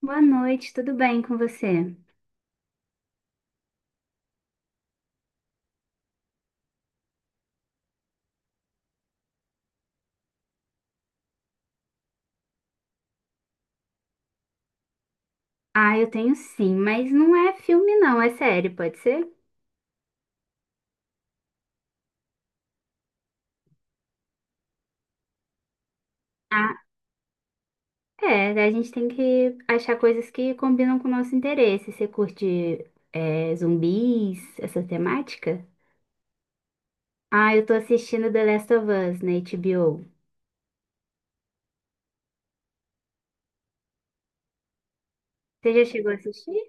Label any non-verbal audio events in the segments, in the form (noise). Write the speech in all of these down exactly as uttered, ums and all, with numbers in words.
Boa noite, tudo bem com você? Ah, eu tenho sim, mas não é filme não, é série, pode ser? Ah, é, a gente tem que achar coisas que combinam com o nosso interesse. Você curte é, zumbis, essa temática? Ah, eu tô assistindo The Last of Us na H B O. Você já chegou a assistir?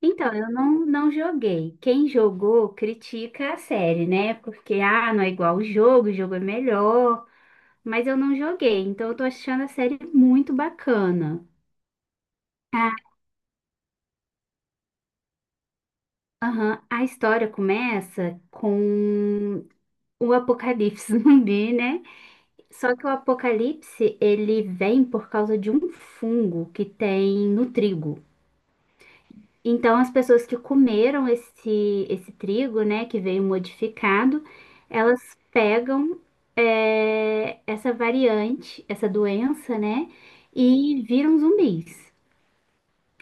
Então, eu não, não joguei. Quem jogou critica a série, né? Porque, ah, não é igual o jogo, o jogo é melhor. Mas eu não joguei, então eu tô achando a série muito bacana. A, aham, a história começa com o apocalipse (laughs) zumbi, né? Só que o apocalipse, ele vem por causa de um fungo que tem no trigo. Então, as pessoas que comeram esse, esse trigo, né, que veio modificado, elas pegam é, essa variante, essa doença, né, e viram zumbis.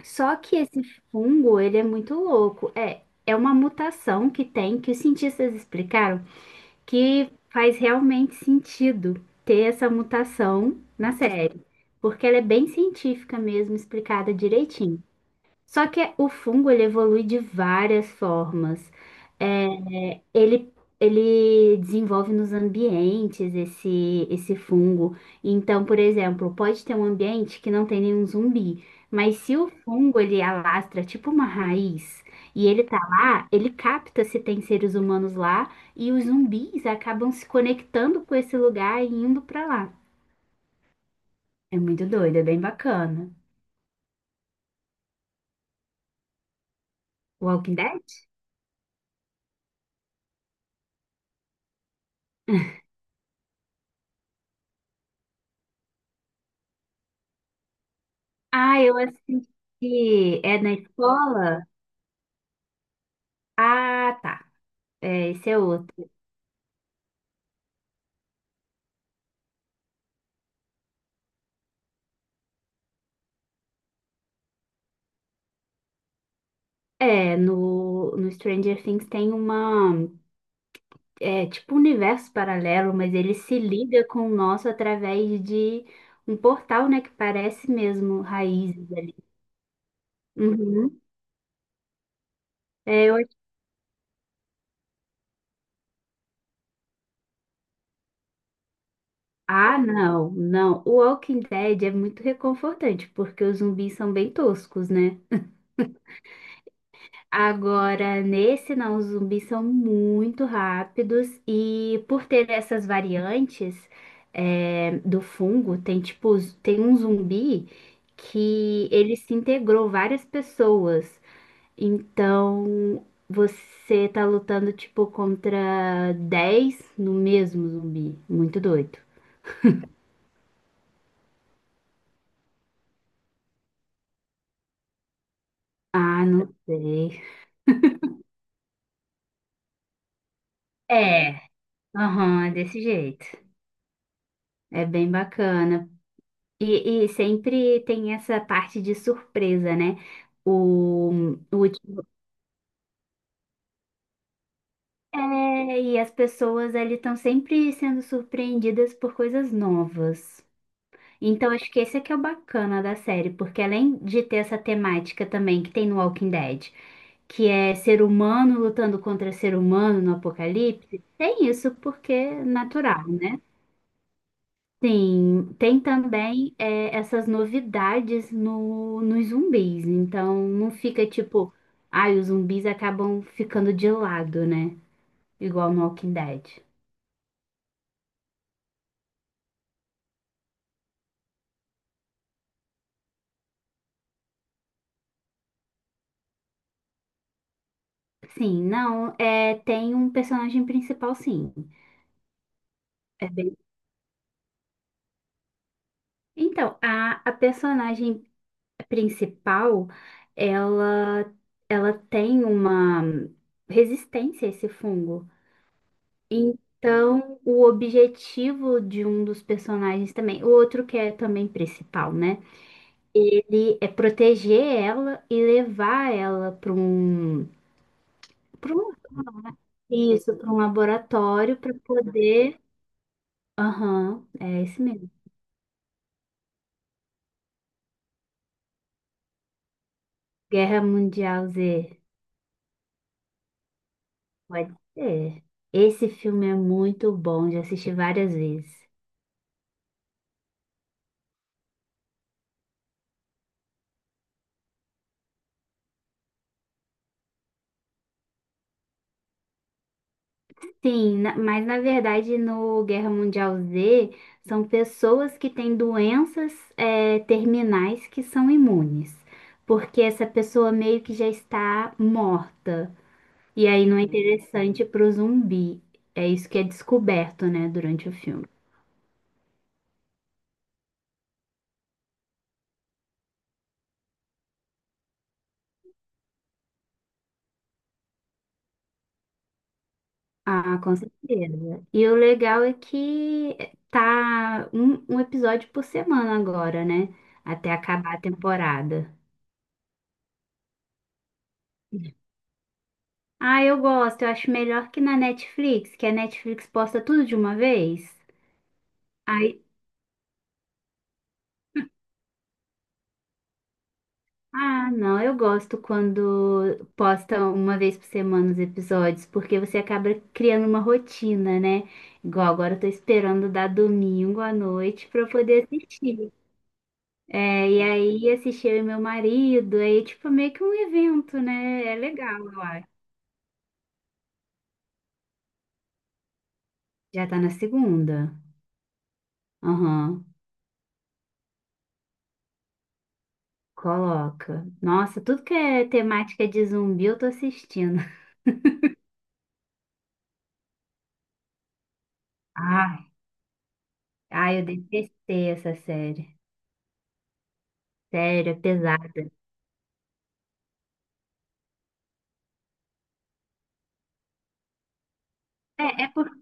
Só que esse fungo, ele é muito louco. É, é uma mutação que tem, que os cientistas explicaram, que faz realmente sentido ter essa mutação na série, porque ela é bem científica mesmo, explicada direitinho. Só que o fungo, ele evolui de várias formas. É, ele, ele desenvolve nos ambientes esse, esse fungo. Então, por exemplo, pode ter um ambiente que não tem nenhum zumbi, mas se o fungo ele alastra tipo uma raiz e ele tá lá, ele capta se tem seres humanos lá e os zumbis acabam se conectando com esse lugar e indo pra lá. É muito doido, é bem bacana. Walking Dead? Ah, eu assisti. É na escola? Ah, tá. É, esse é outro. É, no, no Stranger Things tem uma, é, tipo um universo paralelo, mas ele se liga com o nosso através de um portal, né, que parece mesmo raízes ali. Uhum. É, eu acho- Ah, não, não. O Walking Dead é muito reconfortante, porque os zumbis são bem toscos, né? Agora, nesse não, os zumbis são muito rápidos e por ter essas variantes é, do fungo, tem tipo, z- tem um zumbi que ele se integrou várias pessoas. Então, você tá lutando tipo contra dez no mesmo zumbi. Muito doido. Ah, não sei. É, aham, é desse jeito. É bem bacana. E, e sempre tem essa parte de surpresa, né? O, o último. É, e as pessoas ali estão sempre sendo surpreendidas por coisas novas. Então, acho que esse é que é o bacana da série, porque além de ter essa temática também que tem no Walking Dead, que é ser humano lutando contra ser humano no apocalipse, tem isso porque é natural. Tem, tem também é, essas novidades no, nos zumbis, então não fica tipo, ai, os zumbis acabam ficando de lado, né? Igual no Walking Dead. Sim, não, é, tem um personagem principal, sim. É bem- Então, a, a personagem principal, ela, ela tem uma resistência a esse fungo. Então, o objetivo de um dos personagens também, o outro que é também principal, né? Ele é proteger ela e levar ela para um, para um, isso, para um laboratório para poder. Aham, é esse mesmo. Guerra Mundial Z. Pode ser. Esse filme é muito bom, já assisti várias vezes. Sim, na- mas na verdade no Guerra Mundial Z são pessoas que têm doenças eh, terminais que são imunes, porque essa pessoa meio que já está morta. E aí não é interessante para o zumbi. É isso que é descoberto, né, durante o filme. Ah, com certeza. E o legal é que tá um, um episódio por semana agora, né? Até acabar a temporada. Ah, eu gosto. Eu acho melhor que na Netflix, que a Netflix posta tudo de uma vez. Aí, ah, não, eu gosto quando posta uma vez por semana os episódios, porque você acaba criando uma rotina, né? Igual agora eu tô esperando dar domingo à noite pra eu poder assistir. É, e aí assisti eu e meu marido, aí é tipo meio que um evento, né? É legal, eu acho. Já tá na segunda. Aham. Coloca. Nossa, tudo que é temática de zumbi eu tô assistindo. Ai, ai, eu detestei essa série. Sério, é pesada. É, é porque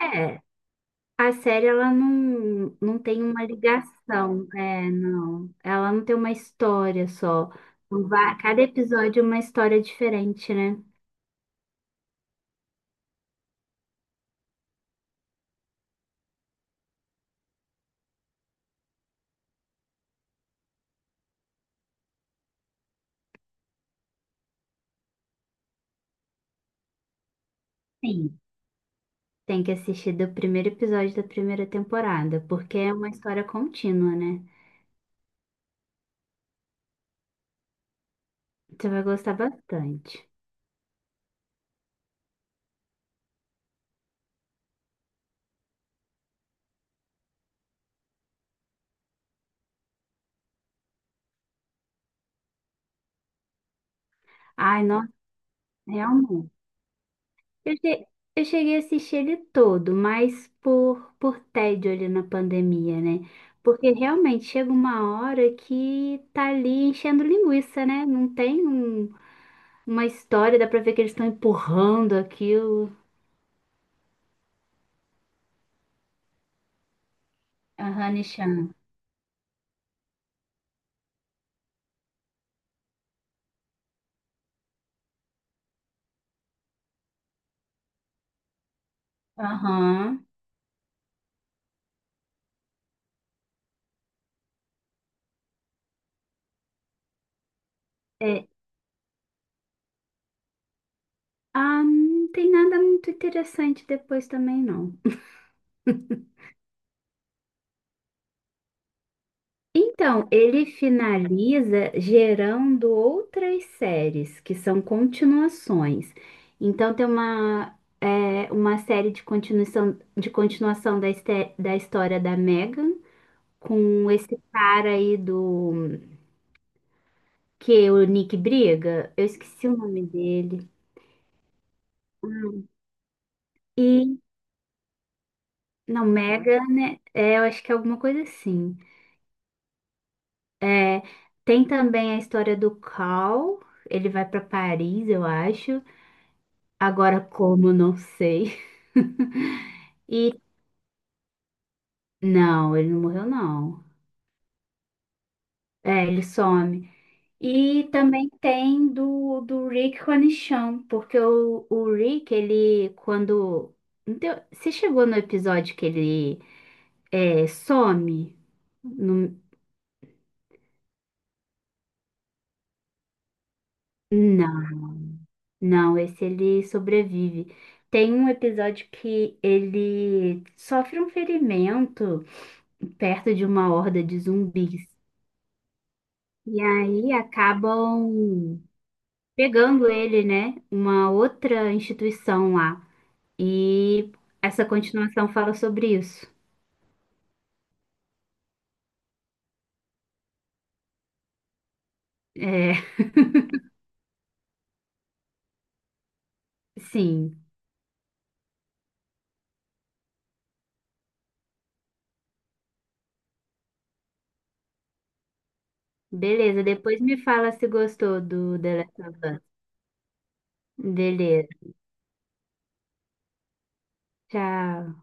é, a série ela não, não tem uma ligação, é, não. Ela não tem uma história só. Va- Cada episódio é uma história diferente, né? Sim. Tem que assistir do primeiro episódio da primeira temporada, porque é uma história contínua, né? Você vai gostar bastante. Ai, nossa, realmente. Eu che- eu cheguei a assistir ele todo, mas por, por tédio ali na pandemia, né? Porque realmente chega uma hora que tá ali enchendo linguiça, né? Não tem um- uma história, dá pra ver que eles estão empurrando aquilo. Aham, Nishan. Aham. É. Ah, não tem nada muito interessante depois também, não. Então, ele finaliza gerando outras séries, que são continuações. Então, tem uma, é, uma série de continuação, de continuação da, este- da história da Megan, com esse cara aí do... que é o Nick briga. Eu esqueci o nome dele. Hum. E, não, Megan, né? É, eu acho que é alguma coisa assim. É, tem também a história do Cal, ele vai para Paris, eu acho. Agora, como não sei. (laughs) E não, ele não morreu, não. É, ele some. E também tem do, do Rick com a Nichelle, porque o, o Rick, ele, quando. não tem- Você chegou no episódio que ele é, some? No- Não, não, esse ele sobrevive. Tem um episódio que ele sofre um ferimento perto de uma horda de zumbis. E aí acabam pegando ele, né, uma outra instituição lá. E essa continuação fala sobre isso. É, sim. Beleza, depois me fala se gostou do The Last of Us. Beleza. Tchau.